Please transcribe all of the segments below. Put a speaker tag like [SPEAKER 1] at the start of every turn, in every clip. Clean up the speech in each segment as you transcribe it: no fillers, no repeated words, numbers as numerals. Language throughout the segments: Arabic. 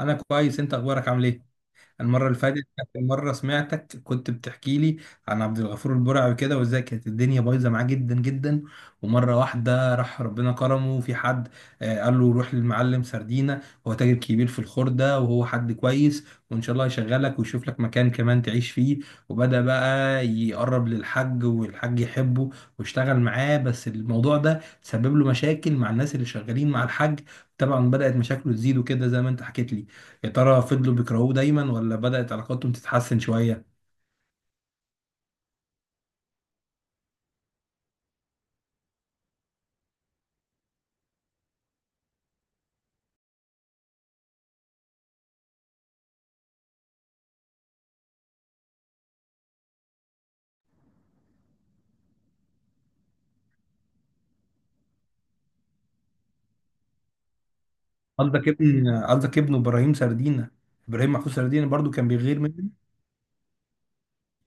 [SPEAKER 1] انا كويس، انت اخبارك عامل ايه؟ المره اللي فاتت اخر مره سمعتك كنت بتحكي لي عن عبد الغفور البرعي كده وازاي كانت الدنيا بايظه معاه جدا جدا، ومره واحده راح ربنا كرمه وفي حد قال له روح للمعلم سردينه. هو تاجر كبير في الخردة وهو حد كويس، وان شاء الله يشغلك ويشوف لك مكان كمان تعيش فيه. وبدأ بقى يقرب للحج والحج يحبه، واشتغل معاه، بس الموضوع ده سبب له مشاكل مع الناس اللي شغالين مع الحج. طبعا بدأت مشاكله تزيد وكده زي ما انت حكيت لي. يا ترى فضلوا بيكرهوه دايما ولا بدأت علاقاتهم تتحسن شوية؟ قصدك ابنه ابراهيم سردينة، ابراهيم محفوظ سردينة، برضو كان بيغير منه.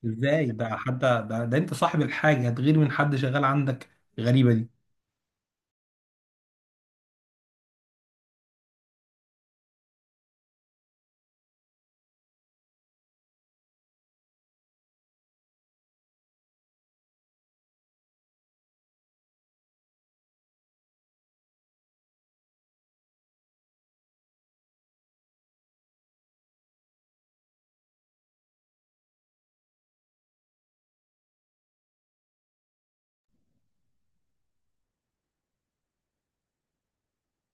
[SPEAKER 1] ازاي؟ ده انت صاحب الحاجة هتغير من حد شغال عندك؟ غريبة دي.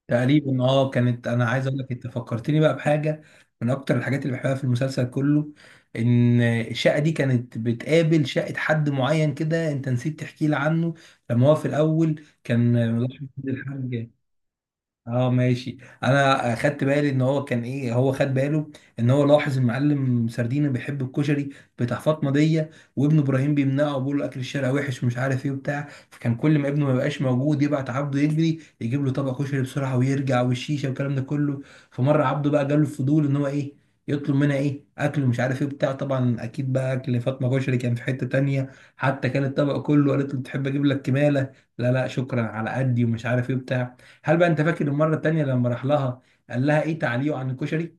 [SPEAKER 1] تقريبا اه. كانت انا عايز اقول لك، انت فكرتني بقى بحاجة من اكتر الحاجات اللي بحبها في المسلسل كله، ان الشقة دي كانت بتقابل شقة حد معين كده انت نسيت تحكي لي عنه، لما هو في الاول كان ملاحظ الحاج. اه ماشي. انا خدت بالي ان هو كان ايه، هو خد باله ان هو لاحظ المعلم سردينة بيحب الكشري بتاع فاطمه دي، وابن ابراهيم بيمنعه وبيقول له اكل الشارع وحش ومش عارف ايه وبتاع، فكان كل ما ابنه ما يبقاش موجود يبعت عبده يجري يجيب له طبق كشري بسرعه ويرجع، والشيشه والكلام ده كله. فمره عبده بقى جاله الفضول ان هو ايه، يطلب منها ايه اكل ومش عارف ايه بتاع. طبعا اكيد بقى اكل فاطمه كشري كان في حته تانية، حتى كان الطبق كله قالت له تحب اجيب لك كماله، لا لا شكرا على قدي ومش عارف ايه بتاع. هل بقى انت فاكر المره التانيه لما راح لها قال لها ايه تعليقه عن الكشري؟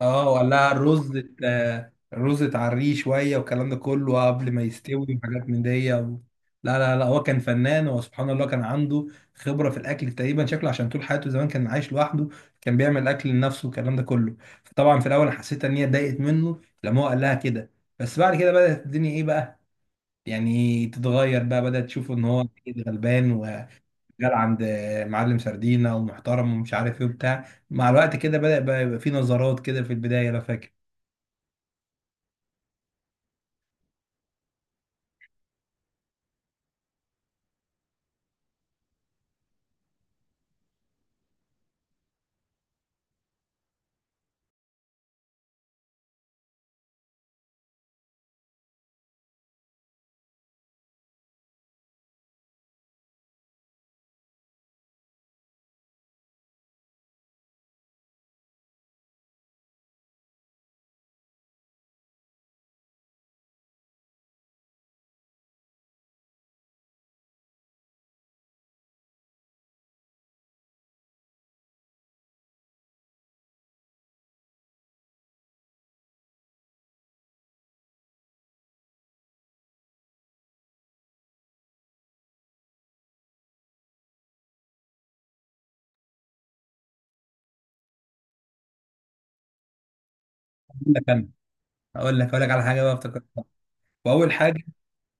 [SPEAKER 1] اه، وقال لها الرز الرز اتعريه شويه والكلام ده كله قبل ما يستوي، وحاجات من دي لا لا لا، هو كان فنان، هو سبحان الله كان عنده خبره في الاكل تقريبا، شكله عشان طول حياته زمان كان عايش لوحده، كان بيعمل اكل لنفسه والكلام ده كله. فطبعا في الاول أنا حسيت ان هي اتضايقت منه لما هو قال لها كده، بس بعد كده بدات الدنيا ايه بقى، يعني تتغير بقى، بدات تشوف ان هو أكيد غلبان، شغال عند معلم سردينة ومحترم ومش عارف ايه وبتاع. مع الوقت كده بدأ بقى يبقى في نظرات كده في البداية لو فاكر. أقول لك أنا أقول لك أقول لك على حاجة بقى افتكرتها. وأول حاجة،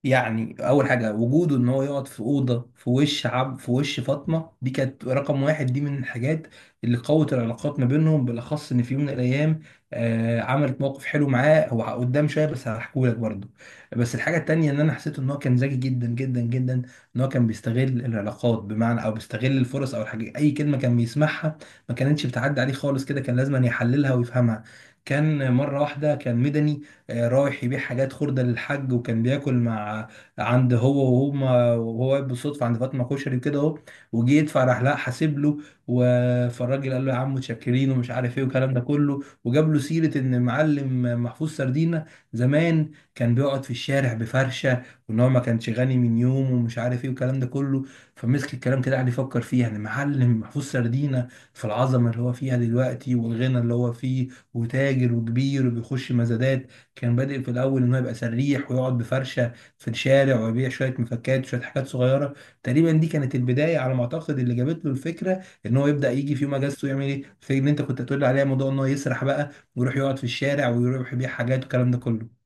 [SPEAKER 1] يعني اول حاجه وجوده ان هو يقعد في اوضه في وش فاطمه دي كانت رقم واحد، دي من الحاجات اللي قوت العلاقات ما بينهم، بالاخص ان في يوم من الايام عملت موقف حلو معاه هو قدام شويه، بس هحكولك برضه. بس الحاجه التانيه ان انا حسيت ان هو كان ذكي جدا جدا جدا، ان هو كان بيستغل العلاقات، بمعنى او بيستغل الفرص، او الحاجه اي كلمه كان بيسمعها ما كانتش بتعدي عليه خالص كده، كان لازم يحللها ويفهمها. كان مره واحده كان مدني رايح يبيع حاجات خردة للحاج، وكان بياكل مع عند هو وهما، وهو واقف بالصدفة عند فاطمة كشري كده اهو، وجه يدفع راح لا حاسب له. فالراجل قال له يا عم متشكرين ومش عارف ايه والكلام ده كله، وجاب له سيرة ان معلم محفوظ سردينة زمان كان بيقعد في الشارع بفرشة، وان هو ما كانش غني من يوم ومش عارف ايه والكلام ده كله. فمسك الكلام كده قعد يفكر فيه، يعني معلم محفوظ سردينة في العظمة اللي هو فيها دلوقتي والغنى اللي هو فيه، وتاجر وكبير وبيخش مزادات، كان بادئ في الاول ان هو يبقى سريح ويقعد بفرشه في الشارع ويبيع شويه مفكات وشويه حاجات صغيره. تقريبا دي كانت البدايه على ما اعتقد اللي جابت له الفكره ان هو يبدا يجي في يوم اجازته يعمل ايه، في ان انت كنت تقول لي عليها موضوع ان هو يسرح بقى ويروح يقعد في الشارع ويروح يبيع حاجات والكلام ده كله.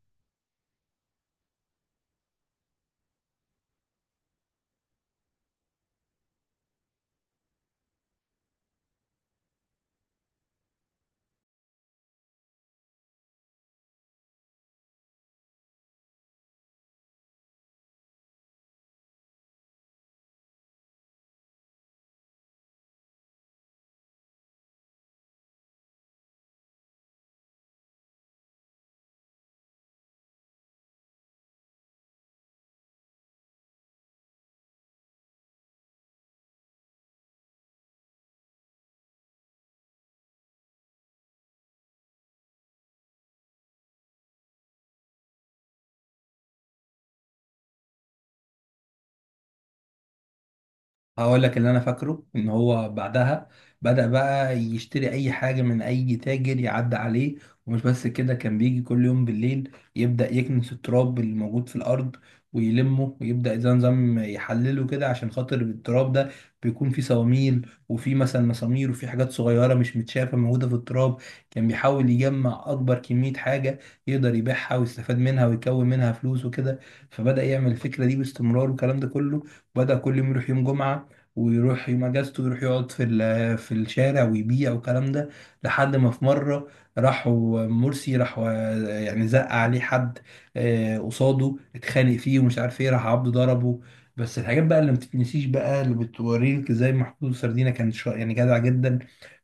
[SPEAKER 1] هقول لك اللي انا فاكره، ان هو بعدها بدأ بقى يشتري اي حاجة من اي تاجر يعدي عليه، ومش بس كده، كان بيجي كل يوم بالليل يبدأ يكنس التراب اللي موجود في الارض ويلمه ويبدأ زي نظام يحلله كده، عشان خاطر التراب ده بيكون فيه صواميل وفيه مثلا مسامير وفيه حاجات صغيرة مش متشافة موجودة في التراب. كان بيحاول يجمع أكبر كمية حاجة يقدر يبيعها ويستفاد منها ويكون منها فلوس وكده. فبدأ يعمل الفكرة دي باستمرار والكلام ده كله. بدأ كل يوم يروح يوم جمعة، ويروح يوم اجازته يروح يقعد في في الشارع ويبيع والكلام ده. لحد ما في مره راحوا مرسي، راحوا يعني زق عليه حد قصاده، اتخانق فيه ومش عارف ايه، راح عبده ضربه. بس الحاجات بقى اللي ما بتتنسيش بقى اللي بتوريك ازاي محمود سردينة كان يعني جدع جدا.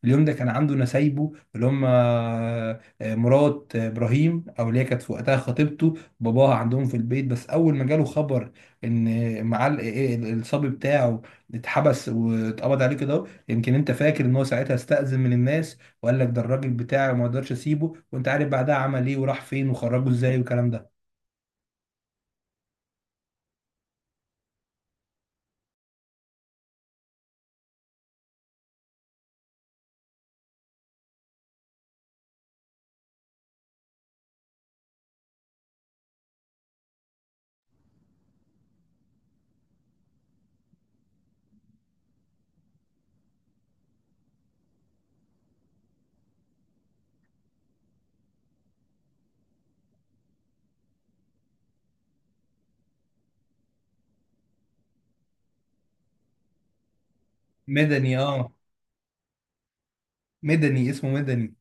[SPEAKER 1] اليوم ده كان عنده نسايبه اللي هم مرات ابراهيم او اللي هي كانت في وقتها خطيبته، باباها عندهم في البيت، بس اول ما جاله خبر ان مع الصبي بتاعه اتحبس واتقبض عليه كده اهو، يمكن انت فاكر ان هو ساعتها استأذن من الناس وقال لك ده الراجل بتاعي وما اقدرش اسيبه، وانت عارف بعدها عمل ايه وراح فين وخرجه ازاي والكلام ده. مدني اه. اسمه مدني.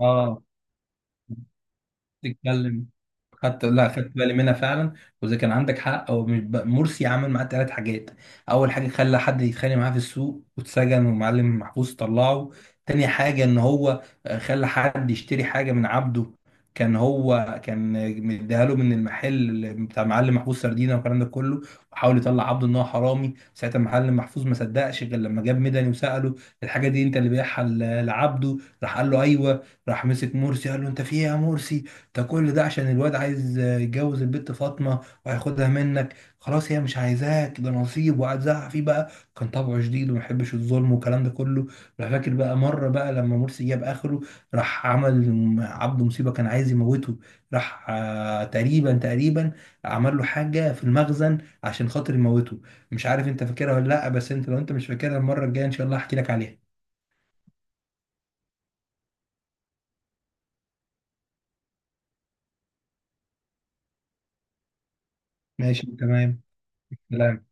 [SPEAKER 1] اه تتكلم. خدت لا خدت بالي منها فعلا. وزي كان عندك حق، هو مش مرسي عمل معاه ثلاث حاجات. اول حاجه خلى حد يتخانق معاه في السوق واتسجن ومعلم محفوظ طلعه. تاني حاجه ان هو خلى حد يشتري حاجه من عبده، كان هو كان آه، مديها له من المحل بتاع معلم محفوظ سردينه والكلام ده كله، وحاول يطلع عبده ان هو حرامي. ساعتها معلم محفوظ ما صدقش غير لما جاب مدني وساله، الحاجه دي انت اللي بيعها لعبده؟ راح قال له ايوه، راح مسك مرسي قال له انت في ايه يا مرسي؟ ده كل ده عشان الواد عايز يتجوز البت فاطمة وهياخدها منك؟ خلاص هي مش عايزاك، ده نصيب. وقعد زعق فيه بقى، كان طبعه شديد وما يحبش الظلم والكلام ده كله. راح فاكر بقى مرة بقى لما مرسي جاب آخره، راح عمل عبده مصيبة كان عايز يموته، راح تقريبا عمل له حاجة في المخزن عشان خاطر يموته. مش عارف انت فاكرها ولا لا، بس انت لو انت مش فاكرها المرة الجاية ان شاء الله هحكي لك عليها. ماشي تمام. لا.